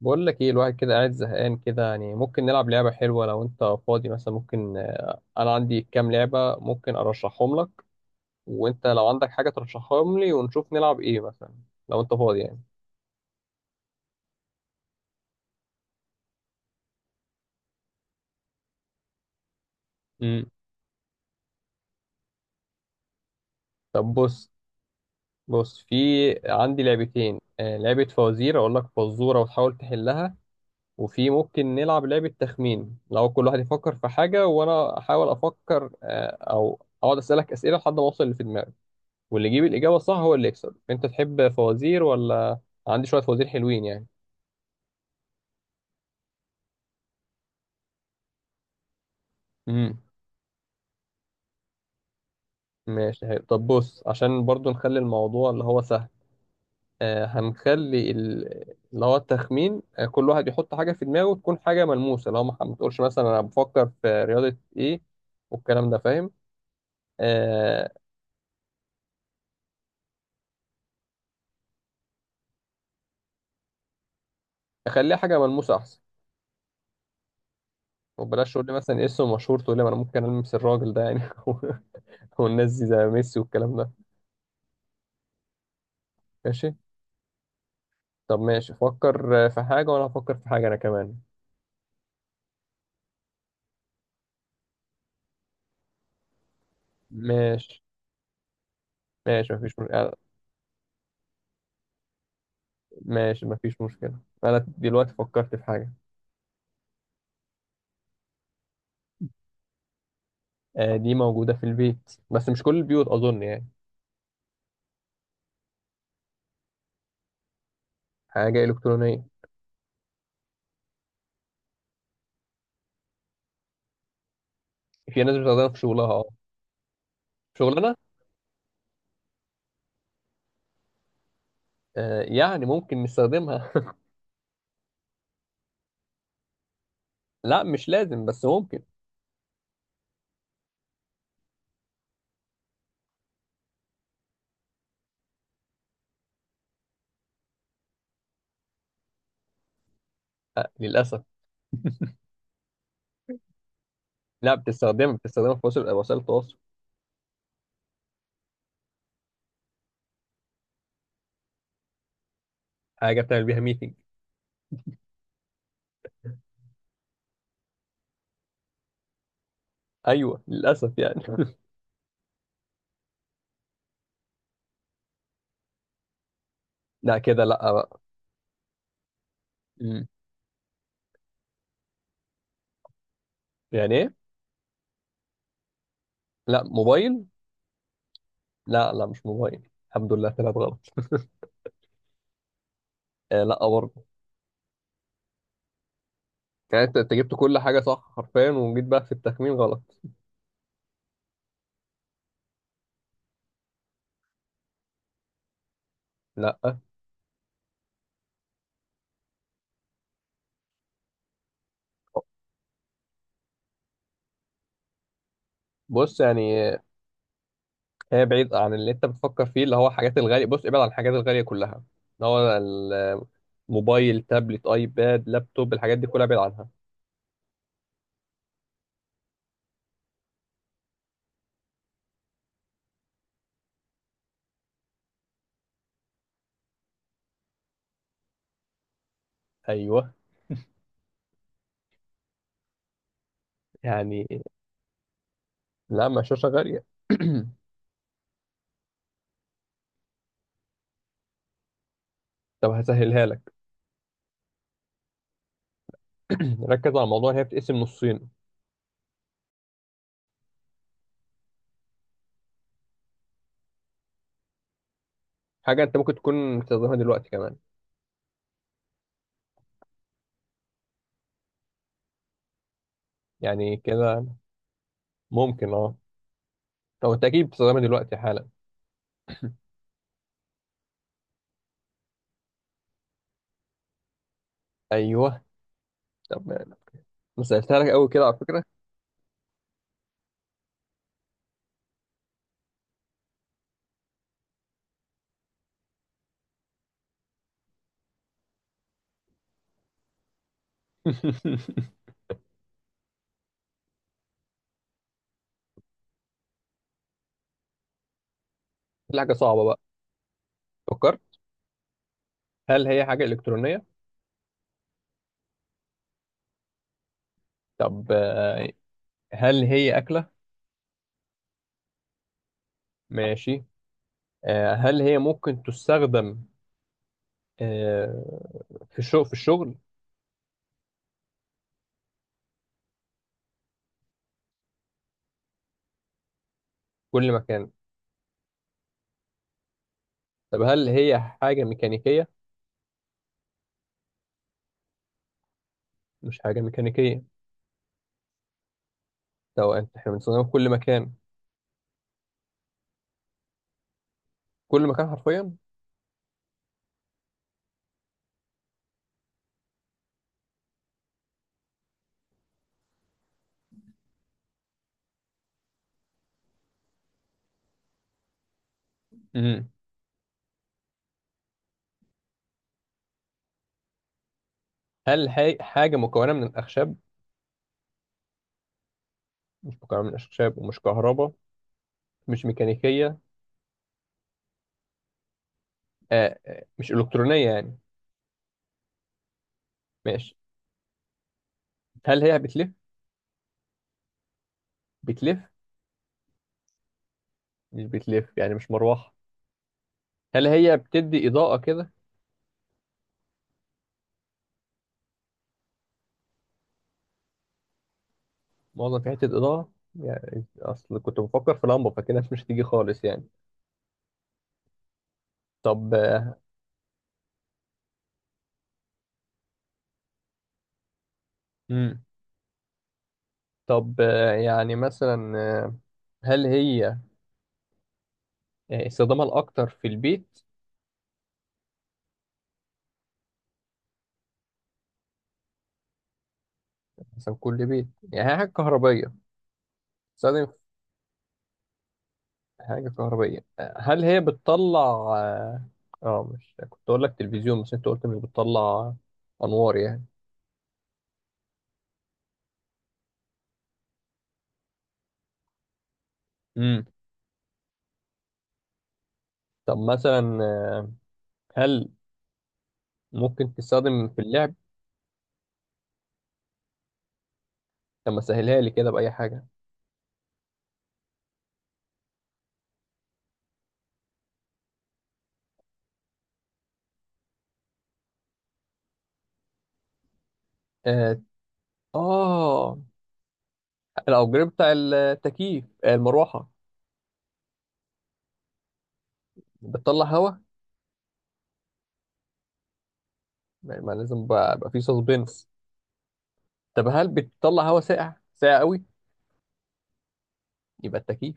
بقول لك ايه، الواحد كده قاعد زهقان كده. يعني ممكن نلعب لعبة حلوة لو انت فاضي. مثلا ممكن، انا عندي كام لعبة ممكن ارشحهم لك، وانت لو عندك حاجة ترشحهم لي، ونشوف نلعب ايه مثلا لو انت فاضي يعني. امم طب بص. بص في عندي لعبتين. لعبة فوازير، اقول لك فزورة وتحاول تحلها، وفي ممكن نلعب لعبة تخمين لو كل واحد يفكر في حاجة وانا احاول افكر، او اقعد اسألك اسئلة لحد ما اوصل اللي في دماغي، واللي يجيب الإجابة الصح هو اللي يكسب. أنت تحب فوازير ولا؟ عندي شوية فوازير حلوين يعني. امم ماشي، حلو. طب بص، عشان برضو نخلي الموضوع اللي هو سهل، هنخلي اللي هو التخمين. آه، كل واحد يحط حاجة في دماغه تكون حاجة ملموسة، لو ما تقولش مثلا أنا بفكر في رياضة إيه والكلام ده، فاهم؟ آه. خليها حاجة ملموسة أحسن. وبلاش تقول لي مثلا اسم مشهور، تقول لي ما أنا ممكن ألمس الراجل ده يعني، والناس دي زي ميسي والكلام ده. ماشي. طب ماشي، فكر في حاجة وأنا هفكر في حاجة أنا كمان. ماشي. ماشي مفيش مش... آه، ماشي مفيش مشكلة. أنا دلوقتي فكرت في حاجة. آه، دي موجودة في البيت بس مش كل البيوت أظن يعني. حاجة إلكترونية. في ناس بتستخدمها في شغلها، أه. شغلنا. آه، يعني ممكن نستخدمها. لا مش لازم بس ممكن. آه، للأسف. لا بتستخدمها، بتستخدمها في وسائل التواصل. حاجة بتعمل بيها ميتنج. أيوه، للأسف يعني. لا كده لا بقى. مم. يعني إيه؟ لا موبايل. لا لا، مش موبايل. الحمد لله طلعت غلط. آه لا برضه. يعني انت، أنت جبت كل حاجه صح حرفيا، وجيت بقى في التخمين غلط. لا، بص يعني، هي بعيد عن اللي انت بتفكر فيه اللي هو الحاجات الغاليه. بص، ابعد عن الحاجات الغاليه كلها، اللي هو الموبايل، تابلت، ايباد، لابتوب، الحاجات دي كلها ابعد عنها. ايوه يعني. لا، ما شاشه غاليه. طب هسهلها لك. ركز على الموضوع، ان هي بتقسم نصين. حاجه انت ممكن تكون بتستخدمها دلوقتي كمان، يعني كده. ممكن اه. طب انت اكيد بتستخدمها دلوقتي حالا. ايوه. طب انا سالتها لك قوي كده على فكره. دي حاجه صعبه بقى. فكرت. هل هي حاجه الكترونيه؟ طب، هل هي اكله؟ ماشي. آه، هل هي ممكن تستخدم، آه، في الشغل في كل مكان. طب هل هي حاجه ميكانيكيه؟ مش حاجه ميكانيكيه. طب انت احنا بنستخدمها في كل مكان؟ كل مكان حرفيا. مم. هل هي حاجه مكونه من الاخشاب؟ مش مكونه من الاخشاب، ومش كهرباء، مش ميكانيكيه. آه، مش الكترونيه يعني. ماشي. هل هي بتلف؟ بتلف. مش بتلف يعني، مش مروحة. هل هي بتدي إضاءة كده؟ معظم في حتة إضاءة يعني. أصل كنت بفكر في لمبة، فكده مش هتيجي خالص يعني. طب. مم. طب، يعني مثلا، آه، هل هي، استخدامها الأكتر في البيت؟ مثلا كل بيت، يعني هي حاجة كهربية بتستخدم؟ في حاجة كهربية. آه، هل هي بتطلع؟ اه. آه، مش كنت أقول لك تلفزيون بس أنت قلت مش بتطلع أنوار يعني. مم. طب مثلا، هل ممكن تستخدم في اللعب؟ طب ما سهلها لي كده بأي حاجة. آه. آه، الأوبجريد بتاع التكييف؟ آه، المروحة؟ بتطلع هوا. ما لازم بقى, بقى فيه سسبنس. طب هل بتطلع هوا ساقع ساقع قوي؟ يبقى التكييف.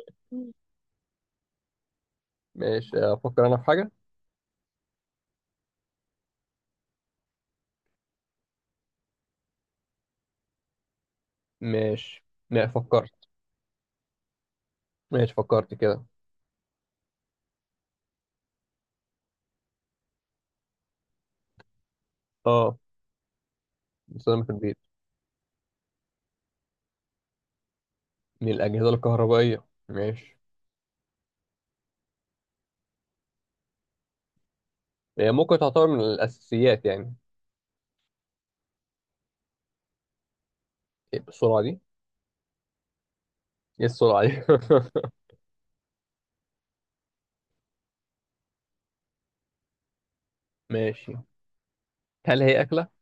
ماشي، أفكر أنا في حاجة. ماشي، لا فكرت. ماشي، فكرت كده. آه، بستخدمها في البيت. من الأجهزة الكهربائية. ماشي. هي ممكن تعتبر من الأساسيات يعني. إيه السرعة دي؟ إيه السرعة دي؟ ماشي. هل هي أكلة؟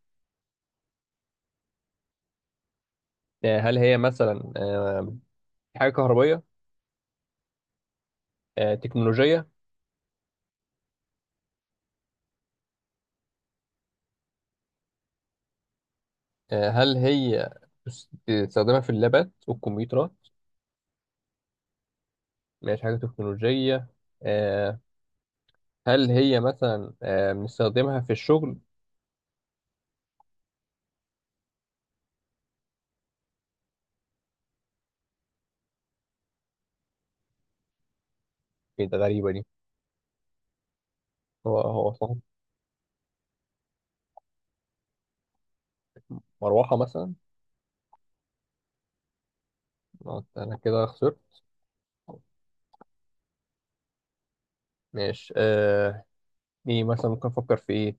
آه، هل هي مثلا، حاجة كهربية؟ آه، تكنولوجية؟ آه، هل هي تستخدمها في اللابات والكمبيوترات؟ مش حاجة تكنولوجية. آه، هل هي مثلا، بنستخدمها في الشغل؟ ايه ده، غريبة دي. هو صح. مروحة مثلا؟ آه، أنا كده خسرت. ماشي. آه، ايه مثلا ممكن أفكر في ايه؟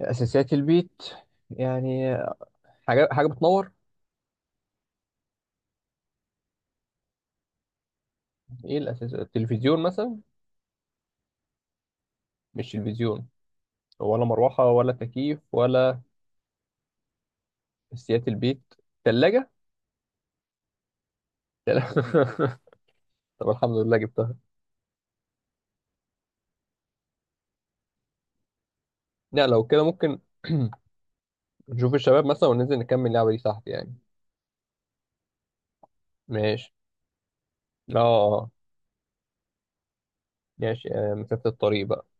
أساسيات البيت يعني. آه، حاجة بتنور؟ ايه الأساس؟ التلفزيون مثلا؟ مش تلفزيون، ولا مروحة، ولا تكييف، ولا. اساسيات البيت. تلاجة. طب الحمد لله جبتها. لا لو كده ممكن، نشوف الشباب مثلا وننزل نكمل اللعبة دي تحت يعني. ماشي. اه آه. آه. ماشي، مسافة الطريق بقى.